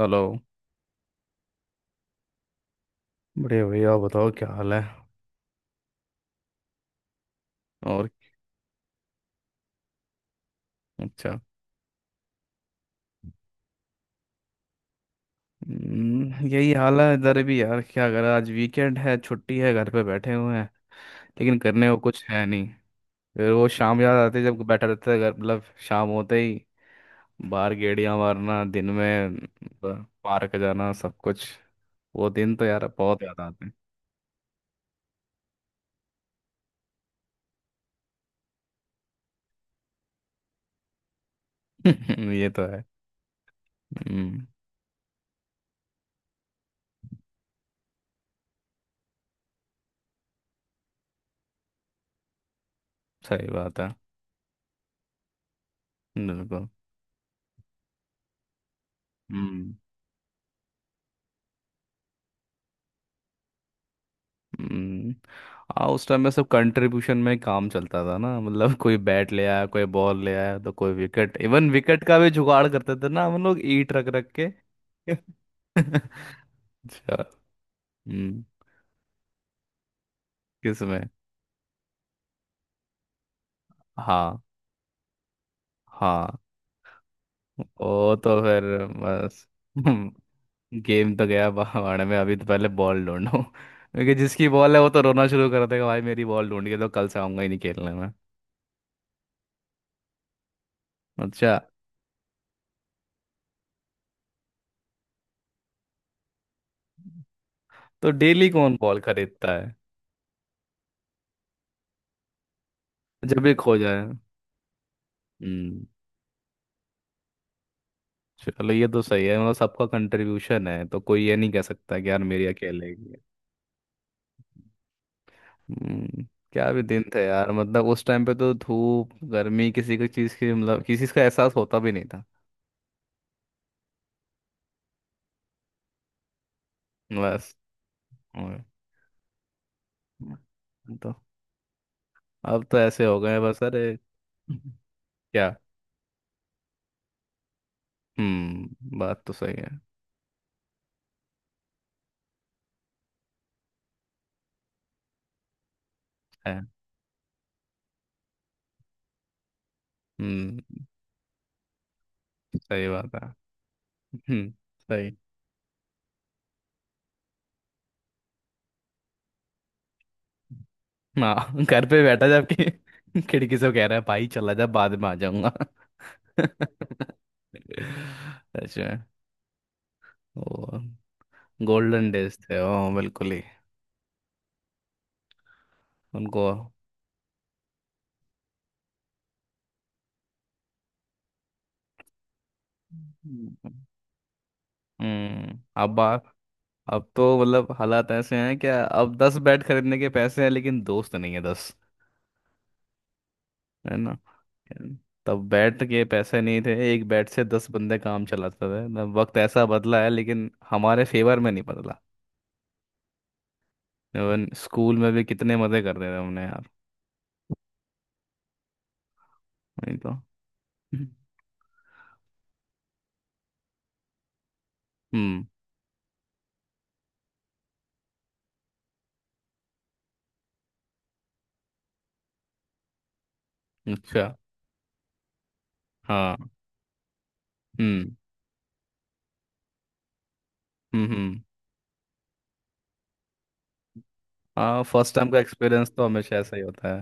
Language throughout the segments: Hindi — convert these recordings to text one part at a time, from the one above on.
हेलो। बढ़िया भैया, आप बताओ क्या हाल है। और अच्छा। यही हाल है इधर भी यार, क्या करें, आज वीकेंड है, छुट्टी है, घर पे बैठे हुए हैं। लेकिन करने को कुछ है नहीं। फिर वो शाम याद आती है जब बैठा रहता है घर मतलब। शाम होते ही बाहर गेड़ियां मारना दिन में। पार्क जाना सब कुछ। वो दिन तो यार बहुत याद आते हैं। ये तो है। हम्म। सही बात है। बिल्कुल। हम्म। हम्म, हाँ उस टाइम में सब कंट्रीब्यूशन में काम चलता था ना मतलब। कोई बैट ले आया, कोई बॉल ले आया, तो कोई विकेट, इवन विकेट का भी जुगाड़ करते थे ना हम लोग ईंट रख रख के। अच्छा। हम्म। किसमें? हाँ हाँ। ओ तो फिर बस। गेम तो गया भाड़ में, अभी तो पहले बॉल ढूंढो, क्योंकि जिसकी बॉल है वो तो रोना शुरू कर देगा, भाई मेरी बॉल ढूंढ के, तो कल से आऊंगा ही नहीं खेलने में। अच्छा। तो डेली कौन बॉल खरीदता है? जब भी खो जाए। हम्म। चलो ये तो सही है मतलब सबका कंट्रीब्यूशन है, तो कोई ये नहीं कह सकता कि यार मेरी अकेले की है। हम्म। क्या भी दिन थे यार, मतलब उस टाइम पे तो धूप, गर्मी, किसी को चीज़ की मतलब किसी चीज़ का एहसास होता भी नहीं था। बस। और- तो अब तो ऐसे हो गए बस। अरे क्या। हम्म, बात तो सही है। है। हम्म। सही बात है। हम्म। सही। हाँ घर पे बैठा जबकि खिड़की से कह रहा है भाई चला जा, बाद में आ जाऊंगा। अच्छा। वो गोल्डन डेज थे, ओ बिल्कुल ही। उनको। हम्म। हम्म, अब तो मतलब हालात ऐसे हैं क्या, अब 10 बैट खरीदने के पैसे हैं लेकिन दोस्त नहीं है दस। है ना। तब बैट के पैसे नहीं थे, एक बैट से 10 बंदे काम चलाते थे ना। वक्त ऐसा बदला है लेकिन हमारे फेवर में नहीं बदला। इवन स्कूल में भी कितने मजे करते थे हमने यार। नहीं तो। हम्म। अच्छा। हाँ। हम्म। हम्म। हम्म। हाँ फर्स्ट टाइम का एक्सपीरियंस तो हमेशा ऐसा ही होता।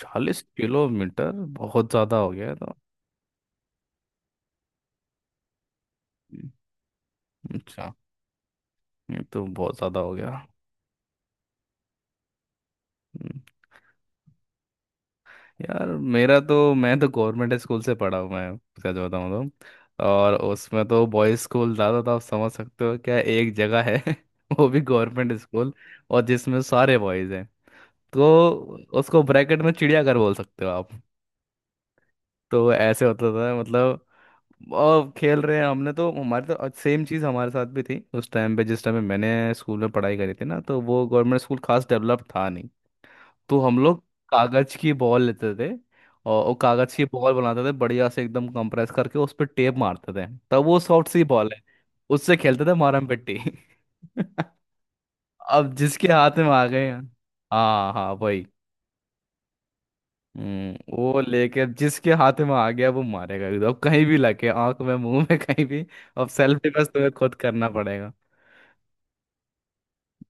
40 किलोमीटर? बहुत ज़्यादा हो गया है तो। अच्छा। ये तो बहुत ज़्यादा हो गया। हम्म, यार मेरा तो, मैं तो गवर्नमेंट स्कूल से पढ़ा हूँ मैं सच बताऊँ तो। और उसमें तो बॉयज़ स्कूल ज़्यादा था आप समझ सकते हो क्या एक जगह है। वो भी गवर्नमेंट स्कूल, और जिसमें सारे बॉयज़ हैं। तो उसको ब्रैकेट में चिड़ियाघर बोल सकते हो आप। तो ऐसे होता था मतलब। और खेल रहे हैं हमने तो, हमारे तो सेम चीज़ हमारे साथ भी थी उस टाइम पे, जिस टाइम पे मैंने स्कूल में पढ़ाई करी थी ना, तो वो गवर्नमेंट स्कूल खास डेवलप था नहीं। तो हम लोग कागज़ की बॉल लेते थे। और वो कागज़ की बॉल बनाते थे बढ़िया से एकदम कंप्रेस करके, उस पर टेप मारते थे तब वो सॉफ्ट सी बॉल है। उससे खेलते थे मारम पिट्टी। अब जिसके हाथ में आ गए, हाँ हाँ वही। वो लेके जिसके हाथ में आ गया वो मारेगा एकदम, अब कहीं भी लगे, आंख में, मुंह में, कहीं भी। अब सेल्फ डिफेंस तुम्हें खुद करना पड़ेगा।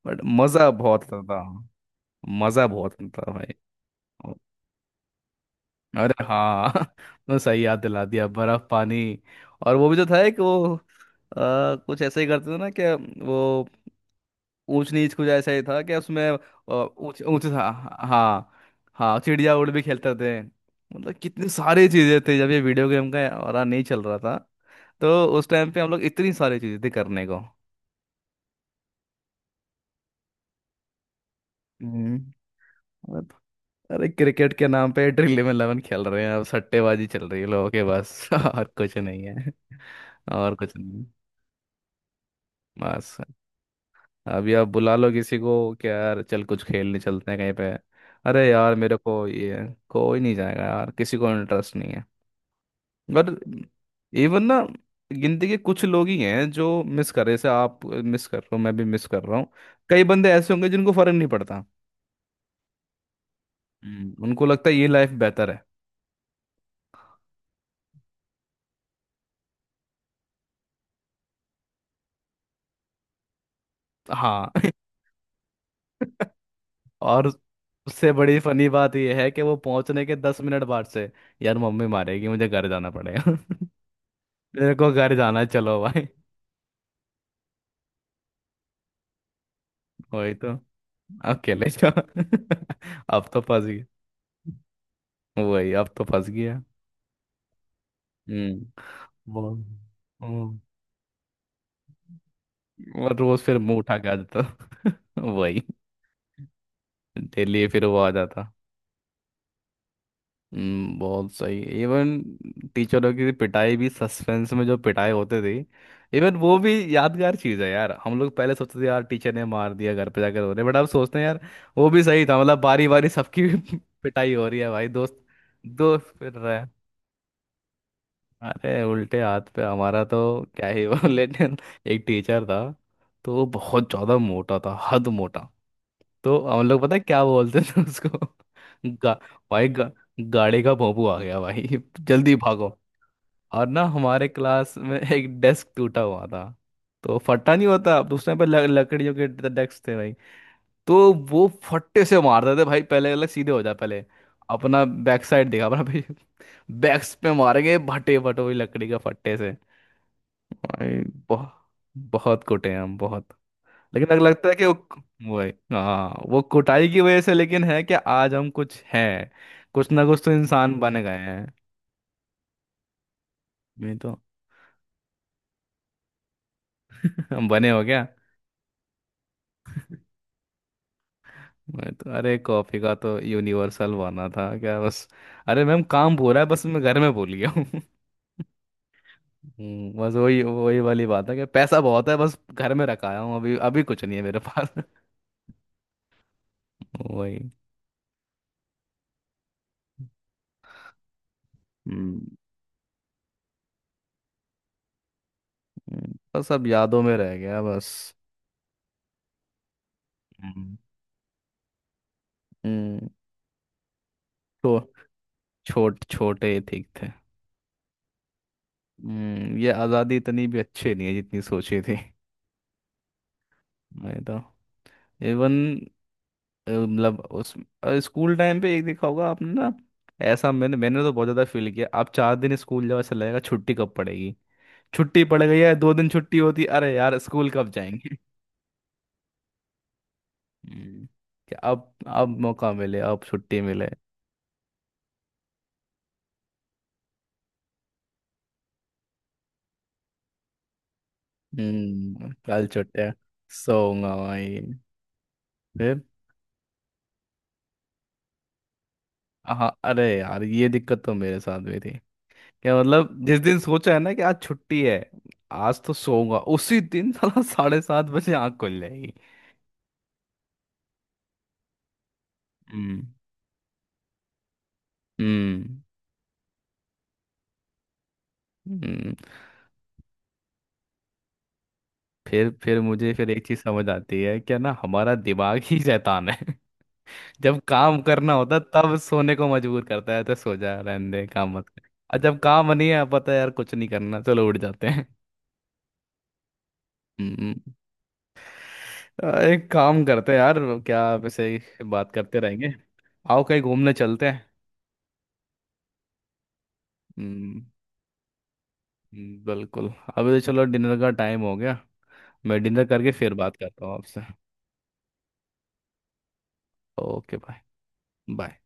बट मजा बहुत आता था। मजा बहुत आता था भाई। अरे हाँ। तो सही याद दिला दिया, बर्फ पानी। और वो भी तो था एक वो कुछ ऐसे ही करते थे ना क्या वो, ऊंच नीच कुछ ऐसा ही था कि उसमें ऊंच ऊंच था। हाँ। हाँ चिड़िया उड़ भी खेलते थे, मतलब कितनी सारी चीजें थी जब ये वीडियो गेम का और नहीं चल रहा था। तो उस टाइम पे हम लोग, इतनी सारी चीजें थी करने को। हम्म, और- अरे क्रिकेट के नाम पे ड्रिल इलेवन खेल रहे हैं, अब सट्टेबाजी चल रही है लोगों के बस। और कुछ नहीं है। और कुछ नहीं। बस। अभी आप बुला लो किसी को कि यार चल कुछ खेलने चलते हैं कहीं पे। अरे यार मेरे को ये, कोई नहीं जाएगा यार, किसी को इंटरेस्ट नहीं है। बट इवन ना, गिनती के कुछ लोग ही हैं जो मिस कर रहे जैसे आप मिस कर रहे हो, मैं भी मिस कर रहा हूँ। कई बंदे ऐसे होंगे जिनको फर्क नहीं पड़ता। उनको लगता है ये लाइफ बेहतर है। हाँ। और उससे बड़ी फनी बात यह है कि वो पहुंचने के 10 मिनट बाद से, यार मम्मी मारेगी मुझे, घर जाना पड़ेगा। मेरे को घर जाना है, चलो भाई। वही तो। अकेले जाओ। अब तो फंस गया। वही, अब तो फंस गया। हम्म। वो। और रोज फिर मुंह उठा के आ जाता। वही। डेली फिर वो आ जाता। हम्म। बहुत सही। इवन टीचरों की पिटाई भी, सस्पेंस में जो पिटाई होते थे, इवन वो भी यादगार चीज है यार। हम लोग पहले सोचते थे यार टीचर ने मार दिया, घर पे जाकर रो रहे, बट अब सोचते हैं यार वो भी सही था। मतलब बारी बारी सबकी पिटाई हो रही है भाई। दोस्त। दोस्त फिर रहे हैं। अरे उल्टे हाथ पे हमारा तो क्या ही वो। लेकिन एक टीचर था, तो वो बहुत ज़्यादा मोटा था, हद मोटा। तो हम लोग पता है क्या बोलते थे उसको। गा, भाई गाड़ी का भोंपू आ गया भाई, जल्दी भागो। और ना हमारे क्लास में एक डेस्क टूटा हुआ था। तो फटा नहीं होता, दूसरे पे लकड़ियों के डेस्क थे। तो वो फट्टे से मार देते भाई, पहले अलग सीधे हो जाए पहले। अपना बैक साइड देखा अपना भाई, बैक्स पे मारेंगे, भटे भटो ही लकड़ी का फट्टे से भाई। बहुत। बहुत कुटे हैं हम बहुत। लेकिन अगर लगता है कि वो, वही हाँ, वो कुटाई की वजह से लेकिन है, कि आज हम कुछ हैं, कुछ ना कुछ तो इंसान बन गए हैं। नहीं तो। हम बने हो क्या। मैं तो, अरे कॉफी का तो यूनिवर्सल बना था क्या बस। अरे मैम, काम पूरा है बस मैं घर में भूल गया। बस वही वही वाली बात है कि पैसा बहुत है बस घर में रखाया हूँ, अभी अभी कुछ नहीं है मेरे पास। वही। हम्म। बस अब यादों में रह गया बस। हम्म। हम्म, तो छोटे ठीक थे। हम्म, ये आज़ादी इतनी भी अच्छी नहीं है जितनी सोची थी। मैं तो इवन मतलब उस स्कूल टाइम पे एक देखा होगा आपने ना, ऐसा मैंने मैंने तो बहुत ज़्यादा फील किया। आप 4 दिन स्कूल जाओ, ऐसा लगेगा छुट्टी कब पड़ेगी। छुट्टी पड़ गई है, 2 दिन छुट्टी होती, अरे यार स्कूल कब जाएंगे। हम्म, कि अब मौका मिले, अब छुट्टी मिले। हम्म। कल छुट्टी है, सोऊंगा भाई। फिर। हाँ अरे यार ये दिक्कत तो मेरे साथ भी थी। क्या मतलब जिस दिन सोचा है ना कि आज छुट्टी है, आज तो सोऊंगा, उसी दिन साला 7:30 बजे आँख खुल जाएगी। हम्म। हम्म। हम्म, फिर मुझे फिर एक चीज समझ आती है क्या ना, हमारा दिमाग ही शैतान है। जब काम करना होता तब सोने को मजबूर करता है, तो सो जा, रहने दे, काम मत कर। और जब काम नहीं है, पता है यार कुछ नहीं करना, चलो उठ जाते हैं। हम्म, एक काम करते हैं यार, क्या वैसे ही बात करते रहेंगे, आओ कहीं घूमने चलते हैं। हम्म, बिल्कुल। अभी तो चलो डिनर का टाइम हो गया। मैं डिनर करके फिर बात करता हूँ आपसे। Okay bye. बाय।